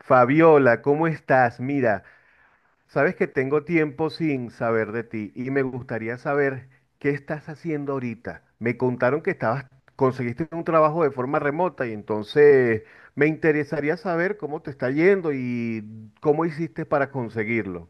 Fabiola, ¿cómo estás? Mira, sabes que tengo tiempo sin saber de ti y me gustaría saber qué estás haciendo ahorita. Me contaron que estabas, conseguiste un trabajo de forma remota y entonces me interesaría saber cómo te está yendo y cómo hiciste para conseguirlo.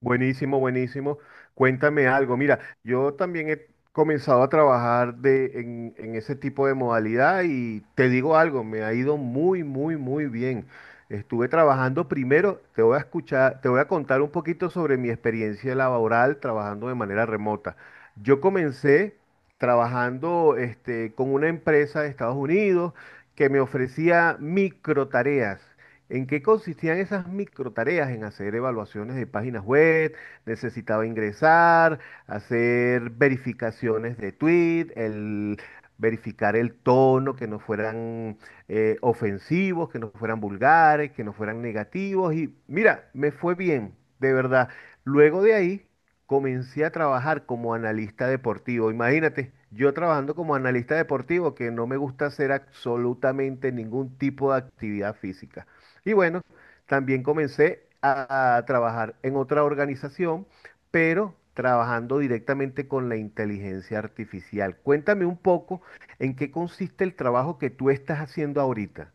Buenísimo, buenísimo. Cuéntame algo. Mira, yo también he comenzado a trabajar en ese tipo de modalidad y te digo algo, me ha ido muy, muy, muy bien. Estuve trabajando primero, te voy a escuchar, te voy a contar un poquito sobre mi experiencia laboral trabajando de manera remota. Yo comencé trabajando con una empresa de Estados Unidos que me ofrecía microtareas. ¿En qué consistían esas microtareas? En hacer evaluaciones de páginas web, necesitaba ingresar, hacer verificaciones de tweet, el verificar el tono, que no fueran ofensivos, que no fueran vulgares, que no fueran negativos. Y mira, me fue bien, de verdad. Luego de ahí comencé a trabajar como analista deportivo. Imagínate, yo trabajando como analista deportivo, que no me gusta hacer absolutamente ningún tipo de actividad física. Y bueno, también comencé a trabajar en otra organización, pero trabajando directamente con la inteligencia artificial. Cuéntame un poco en qué consiste el trabajo que tú estás haciendo ahorita.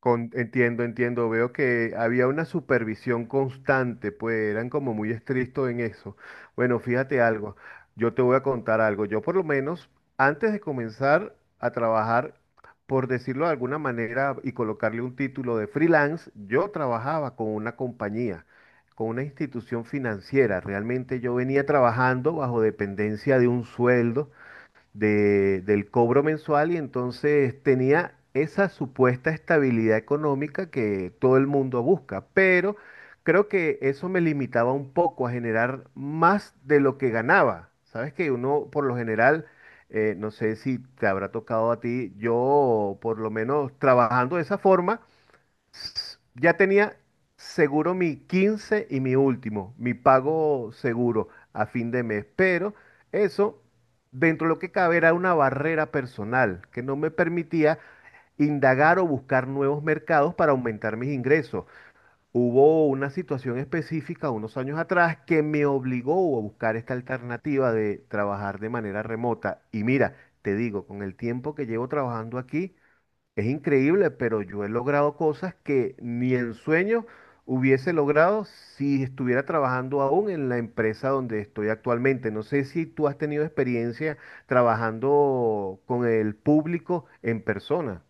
Entiendo, entiendo. Veo que había una supervisión constante, pues eran como muy estrictos en eso. Bueno, fíjate algo. Yo te voy a contar algo. Yo por lo menos, antes de comenzar a trabajar, por decirlo de alguna manera y colocarle un título de freelance, yo trabajaba con una compañía, con una institución financiera. Realmente yo venía trabajando bajo dependencia de un sueldo del cobro mensual y entonces tenía esa supuesta estabilidad económica que todo el mundo busca, pero creo que eso me limitaba un poco a generar más de lo que ganaba. Sabes que uno por lo general, no sé si te habrá tocado a ti, yo por lo menos trabajando de esa forma, ya tenía seguro mi 15 y mi último, mi pago seguro a fin de mes, pero eso dentro de lo que cabe era una barrera personal que no me permitía indagar o buscar nuevos mercados para aumentar mis ingresos. Hubo una situación específica unos años atrás que me obligó a buscar esta alternativa de trabajar de manera remota. Y mira, te digo, con el tiempo que llevo trabajando aquí, es increíble, pero yo he logrado cosas que ni en sueños hubiese logrado si estuviera trabajando aún en la empresa donde estoy actualmente. No sé si tú has tenido experiencia trabajando con el público en persona.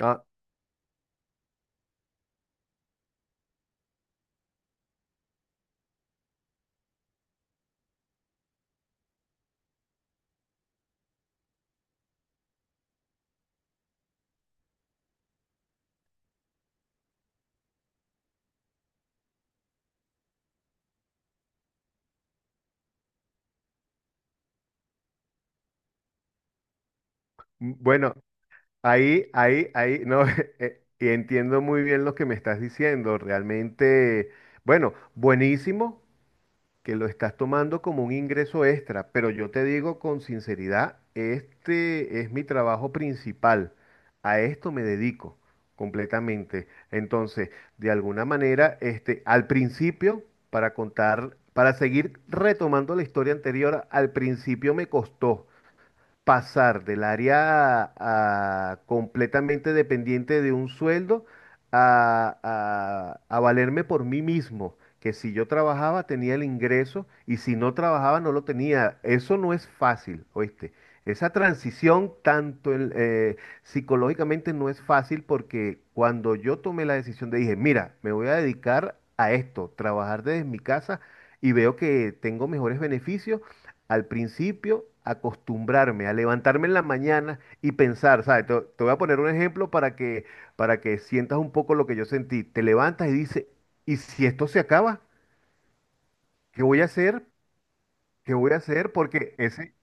Ah, bueno, ahí, ahí, ahí, no, y entiendo muy bien lo que me estás diciendo. Realmente, bueno, buenísimo. Que lo estás tomando como un ingreso extra, pero yo te digo con sinceridad, este es mi trabajo principal, a esto me dedico completamente. Entonces, de alguna manera, al principio, para contar, para seguir retomando la historia anterior, al principio me costó, pasar del área a, completamente dependiente de un sueldo a valerme por mí mismo, que si yo trabajaba tenía el ingreso y si no trabajaba no lo tenía. Eso no es fácil, ¿oíste? Esa transición tanto psicológicamente no es fácil porque cuando yo tomé la decisión de dije, mira, me voy a dedicar a esto, trabajar desde mi casa y veo que tengo mejores beneficios, al principio acostumbrarme a levantarme en la mañana y pensar, ¿sabes? Te voy a poner un ejemplo para que sientas un poco lo que yo sentí. Te levantas y dices, ¿y si esto se acaba? ¿Qué voy a hacer? ¿Qué voy a hacer? Porque ese,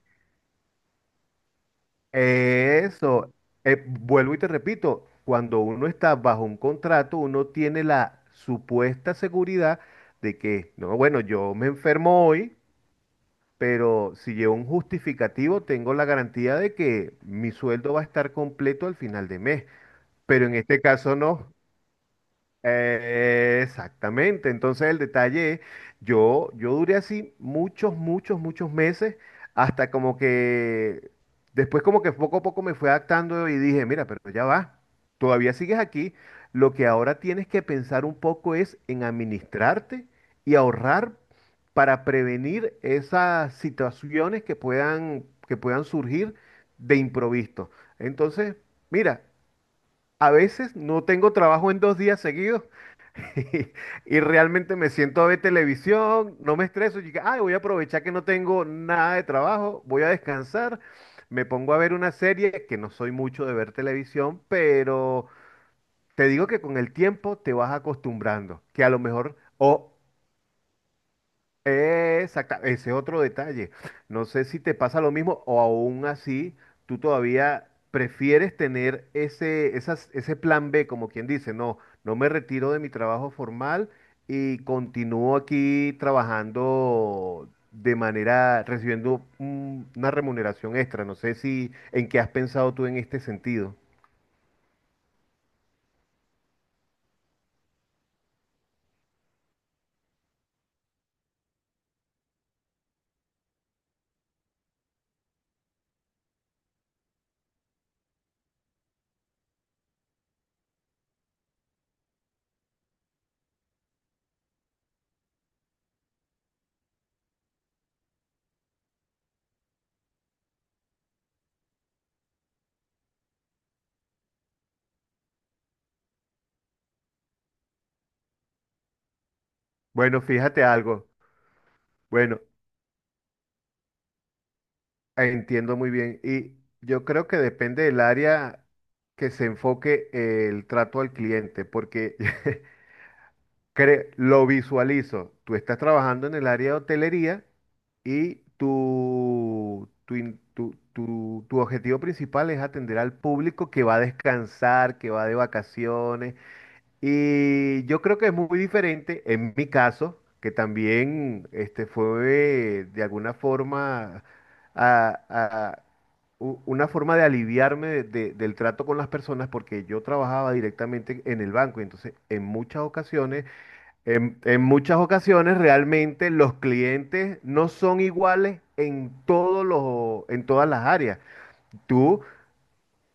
eso, vuelvo y te repito, cuando uno está bajo un contrato, uno tiene la supuesta seguridad de que, no, bueno, yo me enfermo hoy. Pero si llevo un justificativo, tengo la garantía de que mi sueldo va a estar completo al final de mes. Pero en este caso no. Exactamente. Entonces el detalle yo duré así muchos, muchos, muchos meses, hasta como que después como que poco a poco me fue adaptando y dije, mira, pero ya va, todavía sigues aquí. Lo que ahora tienes que pensar un poco es en administrarte y ahorrar para prevenir esas situaciones que puedan surgir de improviso. Entonces, mira, a veces no tengo trabajo en dos días seguidos. Y realmente me siento a ver televisión, no me estreso, y digo, ay, voy a aprovechar que no tengo nada de trabajo, voy a descansar, me pongo a ver una serie, que no soy mucho de ver televisión, pero te digo que con el tiempo te vas acostumbrando, que a lo mejor, o exacto, ese otro detalle. No sé si te pasa lo mismo o aún así tú todavía prefieres tener ese plan B, como quien dice, no, no me retiro de mi trabajo formal y continúo aquí trabajando de manera, recibiendo una remuneración extra. No sé si en qué has pensado tú en este sentido. Bueno, fíjate algo. Bueno, entiendo muy bien. Y yo creo que depende del área que se enfoque el trato al cliente, porque lo visualizo. Tú estás trabajando en el área de hotelería y tu, in- tu, tu, tu objetivo principal es atender al público que va a descansar, que va de vacaciones, y yo creo que es muy diferente en mi caso, que también fue de alguna forma a- a- una forma de aliviarme del trato con las personas, porque yo trabajaba directamente en el banco. Y entonces, en muchas ocasiones realmente los clientes no son iguales en todos los, en todas las áreas. Tú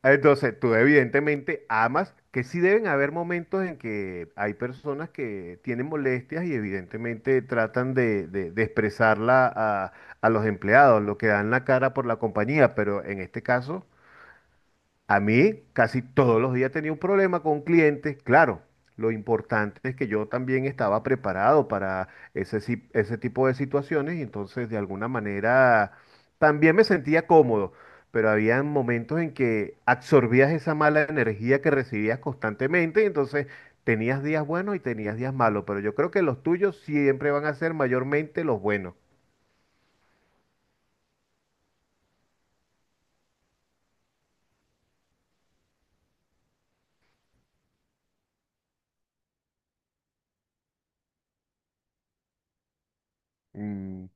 entonces, tú evidentemente amas, que sí deben haber momentos en que hay personas que tienen molestias y evidentemente tratan de expresarla a los empleados, lo que dan la cara por la compañía, pero en este caso a mí casi todos los días tenía un problema con clientes. Claro, lo importante es que yo también estaba preparado para ese, si- ese tipo de situaciones y entonces de alguna manera también me sentía cómodo, pero había momentos en que absorbías esa mala energía que recibías constantemente y entonces tenías días buenos y tenías días malos, pero yo creo que los tuyos siempre van a ser mayormente los buenos. Mm,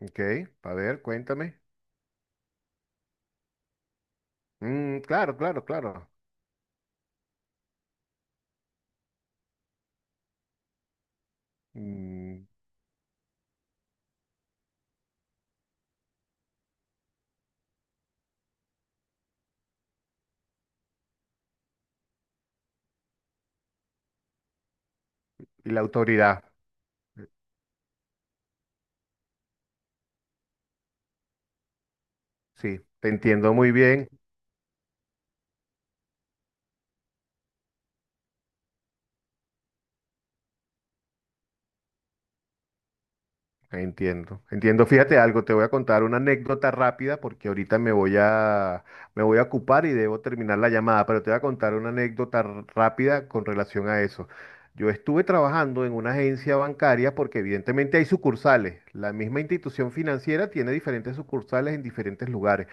ok, a ver, cuéntame. Mm, claro, claro, claro. Mm, y la autoridad, sí, te entiendo muy bien, entiendo, entiendo. Fíjate algo, te voy a contar una anécdota rápida porque ahorita me voy a ocupar y debo terminar la llamada, pero te voy a contar una anécdota rápida con relación a eso. Yo estuve trabajando en una agencia bancaria porque evidentemente hay sucursales. La misma institución financiera tiene diferentes sucursales en diferentes lugares.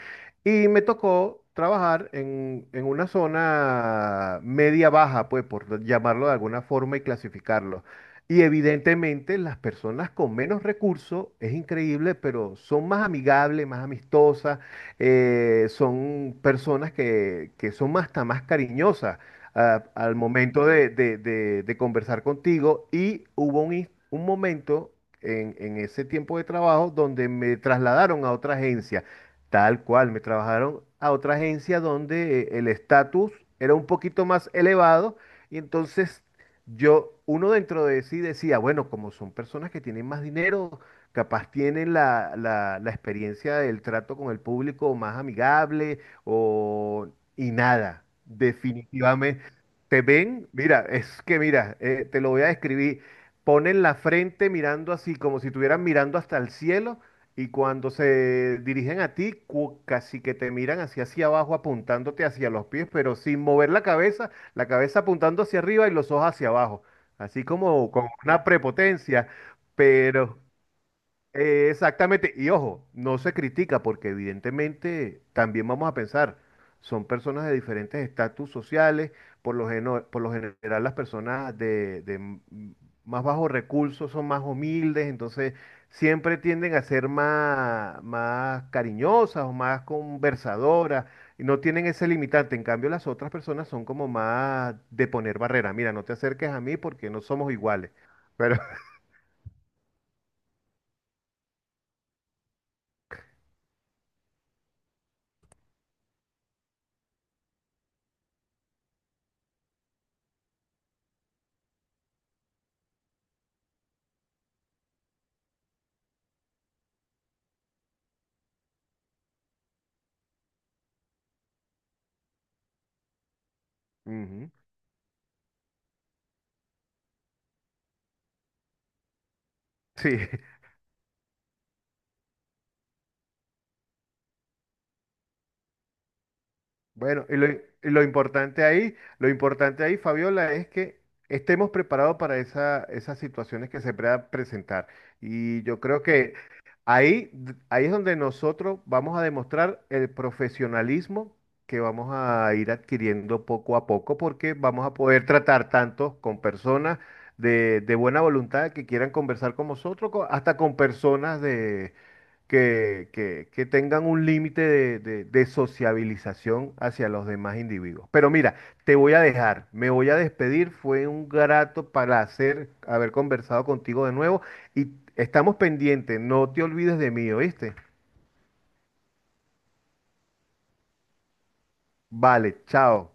Y me tocó trabajar en una zona media baja, pues por llamarlo de alguna forma y clasificarlo. Y evidentemente las personas con menos recursos, es increíble, pero son más amigables, más amistosas, son personas que son más- hasta más cariñosas al momento de conversar contigo. Y hubo un momento en ese tiempo de trabajo donde me trasladaron a otra agencia, tal cual, me trabajaron a otra agencia donde el estatus era un poquito más elevado. Y entonces yo, uno dentro de sí decía, bueno, como son personas que tienen más dinero, capaz tienen la, la experiencia del trato con el público más amigable o... y nada, definitivamente. Te ven, mira, es que mira, te lo voy a describir, ponen la frente mirando así, como si estuvieran mirando hasta el cielo y cuando se dirigen a ti, casi que te miran hacia hacia abajo apuntándote hacia los pies, pero sin mover la cabeza apuntando hacia arriba y los ojos hacia abajo, así como con una prepotencia, pero, exactamente, y ojo, no se critica porque evidentemente también vamos a pensar, son personas de diferentes estatus sociales, por lo, por lo general las personas de, más bajos recursos son más humildes, entonces siempre tienden a ser más, más cariñosas o más conversadoras, y no tienen ese limitante, en cambio las otras personas son como más de poner barrera, mira, no te acerques a mí porque no somos iguales, pero ujú, sí. Bueno, y lo importante ahí, Fabiola, es que estemos preparados para esas situaciones que se puedan presentar. Y yo creo que ahí, ahí es donde nosotros vamos a demostrar el profesionalismo que vamos a ir adquiriendo poco a poco, porque vamos a poder tratar tanto con personas de buena voluntad que quieran conversar con nosotros, hasta con personas que tengan un límite de, de sociabilización hacia los demás individuos. Pero mira, te voy a dejar, me voy a despedir, fue un grato placer haber conversado contigo de nuevo y estamos pendientes, no te olvides de mí, ¿oíste? Vale, chao.